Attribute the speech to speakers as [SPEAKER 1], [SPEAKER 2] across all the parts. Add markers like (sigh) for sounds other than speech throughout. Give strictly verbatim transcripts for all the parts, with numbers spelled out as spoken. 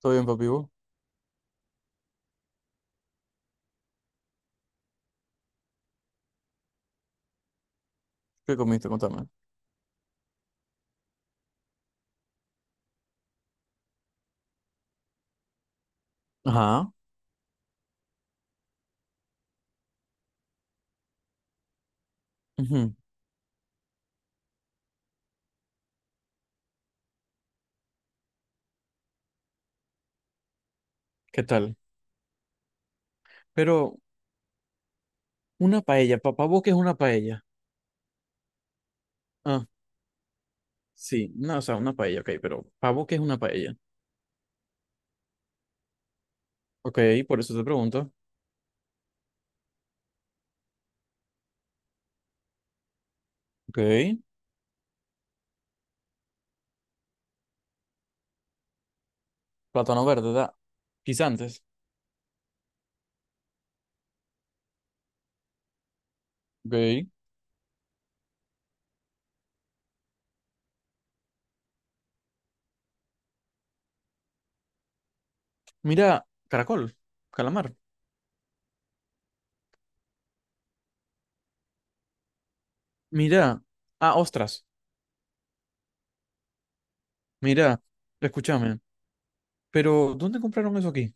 [SPEAKER 1] ¿Todo bien, papi? ¿Vos? ¿Qué comiste? Contame. Ajá. Ujú. ¿Qué tal? Pero una paella, pa- ¿pa' vos qué es una paella? Ah, sí, no, o sea, una paella, ok, pero ¿pa' vos qué es una paella? Ok, por eso te pregunto. Ok, plátano verde, da. Guisantes. Ok. Mira, caracol, calamar. Mira, ah, ostras. Mira, escúchame, pero ¿dónde compraron eso aquí?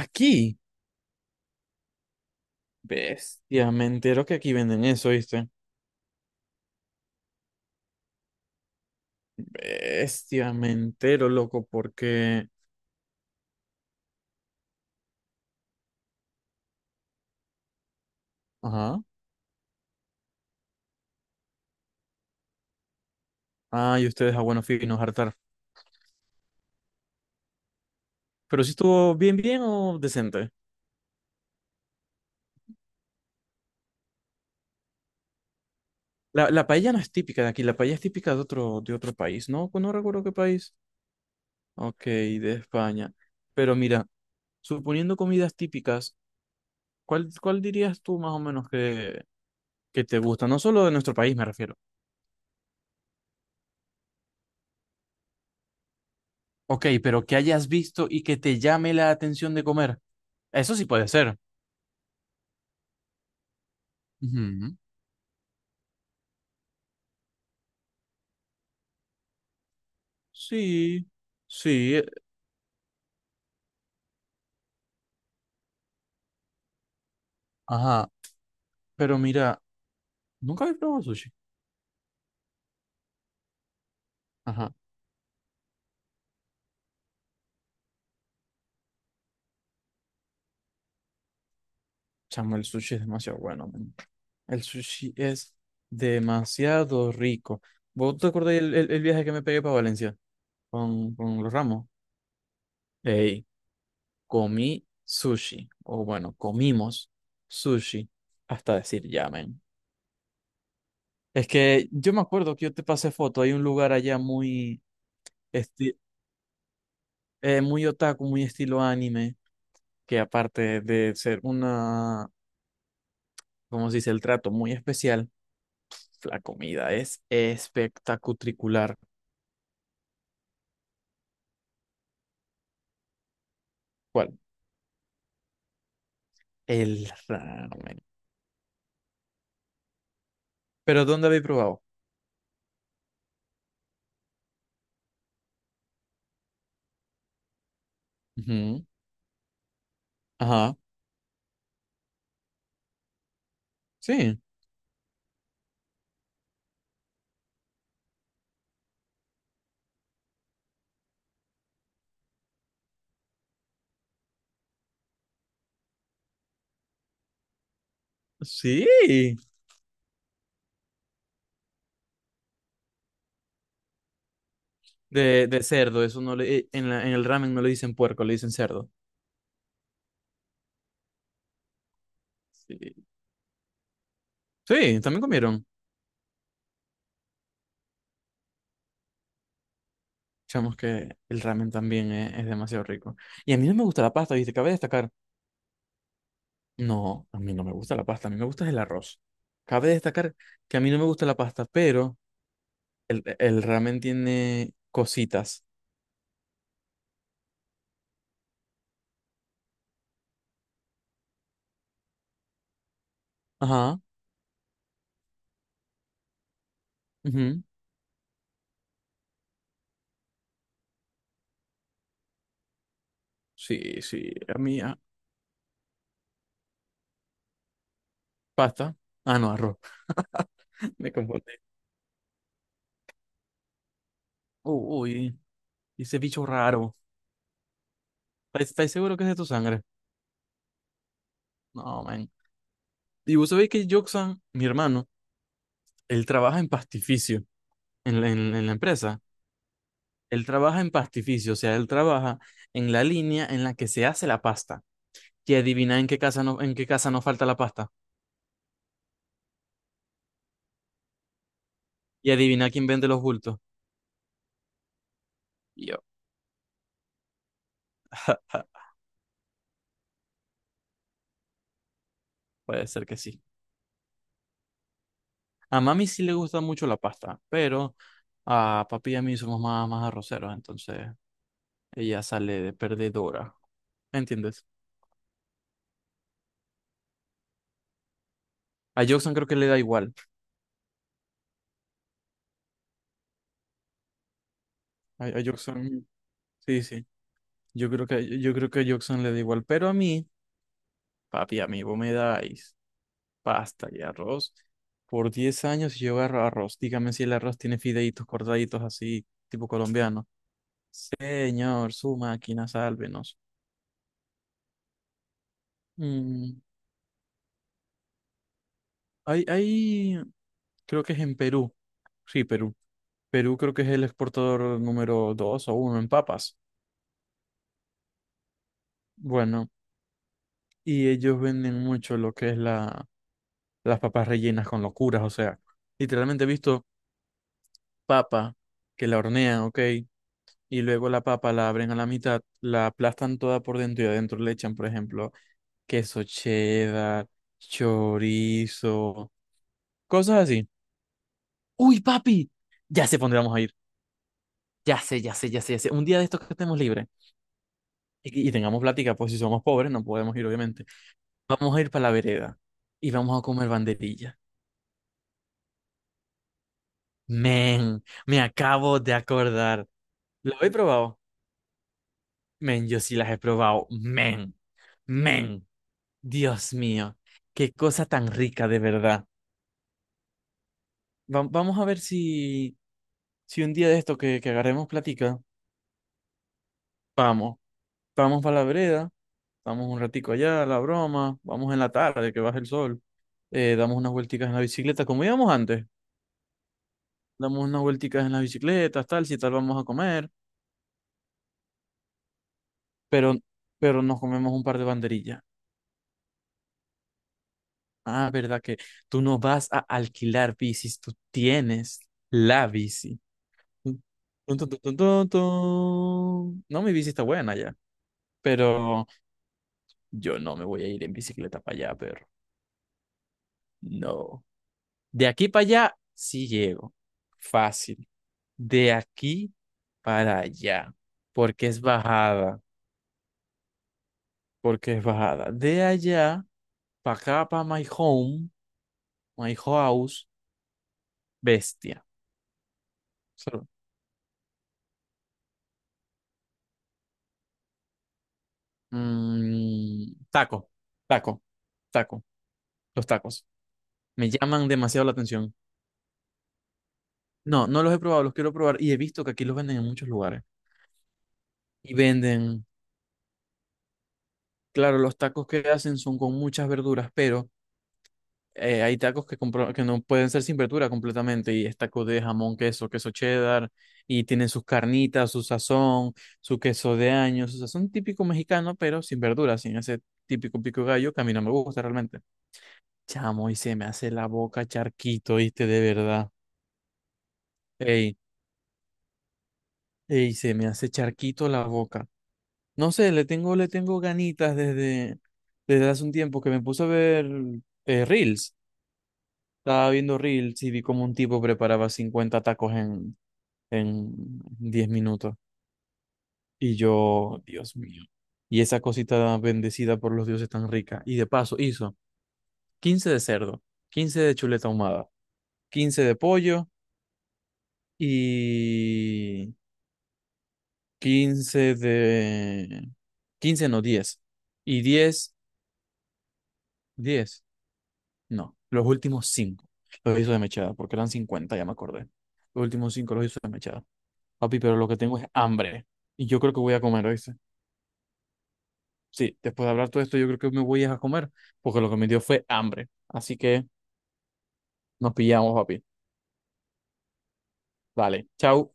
[SPEAKER 1] Aquí. Bestia, me entero que aquí venden eso, ¿viste? Bestia, me entero, loco, porque ajá. Ah, y ustedes a buenos finos, hartar. Pero si estuvo bien, bien o decente. La, la paella no es típica de aquí, la paella es típica de otro, de otro país, ¿no? No recuerdo qué país. Ok, de España. Pero mira, suponiendo comidas típicas, ¿cuál, cuál dirías tú más o menos que, que te gusta? No solo de nuestro país, me refiero. Ok, pero que hayas visto y que te llame la atención de comer. Eso sí puede ser. Ujú. Sí, sí. eh, Ajá. Pero mira, nunca he probado sushi. Ajá. Chamo, el sushi es demasiado bueno, man. El sushi es demasiado rico. ¿Vos te acordás el, el- el viaje que me pegué para Valencia con, con los Ramos? Ey, comí sushi. O bueno, comimos sushi. Hasta decir ya, man. Es que yo me acuerdo que yo te pasé foto. Hay un lugar allá muy, esti- eh, muy otaku, muy estilo anime. Que aparte de ser una, ¿cómo se dice? El trato muy especial. La comida es espectacular. ¿Cuál? El ramen. ¿Pero dónde habéis probado? Ujú. Ajá. Sí. Sí. De, de cerdo, eso no le, eh, en la- en el ramen no le dicen puerco, le dicen cerdo. Sí, sí, también comieron. Chamos que el ramen también es, es demasiado rico. Y a mí no me gusta la pasta, ¿viste? Cabe destacar. No, a mí no me gusta la pasta, a mí me gusta el arroz. Cabe destacar que a mí no me gusta la pasta, pero el, el ramen tiene cositas. Ajá. Ujú. Sí, sí, a mí, a, pasta. Ah, no, arroz. (laughs) Me confundí. Uy, ese bicho raro. ¿Estáis estáis seguro que es de tu sangre? No, man. Y vos sabéis que Joxan, mi hermano, él trabaja en pastificio, en la, en, en la empresa. Él trabaja en pastificio, o sea, él trabaja en la línea en la que se hace la pasta. Y adivina en qué casa no, en qué casa no falta la pasta. Y adivina quién vende los bultos. Y yo, (laughs) ja, puede ser que sí. A mami sí le gusta mucho la pasta, pero a papi y a mí somos más, más arroceros, entonces. Ella sale de perdedora. ¿Entiendes? A Jackson creo que le da igual. A, a Jackson, sí, sí. Yo creo que, yo creo que a Jackson le da igual. Pero a mí, papi, a mí vos me dais pasta y arroz por diez años y yo agarro arroz. Dígame si el arroz tiene fideitos cortaditos así, tipo colombiano. Señor, su máquina, sálvenos. Mm, hay, hay, creo que es en Perú. Sí, Perú. Perú creo que es el exportador número dos o uno en papas. Bueno. Y ellos venden mucho lo que es la, las papas rellenas con locuras, o sea, literalmente he visto papa que la hornean, ¿ok? Y luego la papa la abren a la mitad, la aplastan toda por dentro y adentro le echan, por ejemplo, queso cheddar, chorizo, cosas así. ¡Uy, papi! Ya sé por dónde vamos a ir. Ya sé, ya sé, ya sé, ya sé. Un día de estos que estemos libres y, y tengamos plática, pues si somos pobres no podemos ir, obviamente. Vamos a ir para la vereda y vamos a comer banderilla. Men, me acabo de acordar. ¿Lo he probado? Men, yo sí las he probado. Men, men, Dios mío, qué cosa tan rica de verdad. Va- vamos a ver si, si un día de esto que, que agarremos platica, vamos, vamos para la vereda, vamos un ratico allá, la broma, vamos en la tarde que baja el sol, eh, damos unas vuelticas en la bicicleta, como íbamos antes, damos unas vuelticas en las bicicletas, tal, si tal vamos a comer, pero, pero nos comemos un par de banderillas. Ah, verdad que tú no vas a alquilar bicis, tú tienes la bici. Tun, tun, tun, tun, tun, tun. No, mi bici está buena ya, pero yo no me voy a ir en bicicleta para allá, pero no. De aquí para allá sí llego, fácil. De aquí para allá, porque es bajada, porque es bajada. De allá para acá, para my home, my house, bestia. Mm, taco, taco, taco, los tacos. Me llaman demasiado la atención. No, no los he probado, los quiero probar y he visto que aquí los venden en muchos lugares. Y venden, claro, los tacos que hacen son con muchas verduras, pero eh, hay tacos que, compro- que no pueden ser sin verdura completamente y es taco de jamón, queso, queso cheddar y tienen sus carnitas, su sazón, su queso de año, su sazón típico mexicano, pero sin verduras, sin ese típico pico de gallo que a mí no me gusta realmente. Chamo, y se me hace la boca charquito, ¿viste? De verdad. Ey, ey, se me hace charquito la boca. No sé, le tengo, le tengo ganitas desde, desde hace un tiempo que me puse a ver eh, Reels. Estaba viendo Reels y vi como un tipo preparaba cincuenta tacos en, en diez minutos. Y yo, Dios mío. Y esa cosita bendecida por los dioses tan rica. Y de paso hizo quince de cerdo, quince de chuleta ahumada, quince de pollo y... quince de... quince no, diez. Y diez, diez no, los últimos cinco los hizo de mechada, porque eran cincuenta ya me acordé. Los últimos cinco los hizo de mechada. Papi, pero lo que tengo es hambre. Y yo creo que voy a comer, ¿oíste? Sí, después de hablar todo esto, yo creo que me voy a comer, porque lo que me dio fue hambre. Así que nos pillamos, papi. Dale, chau.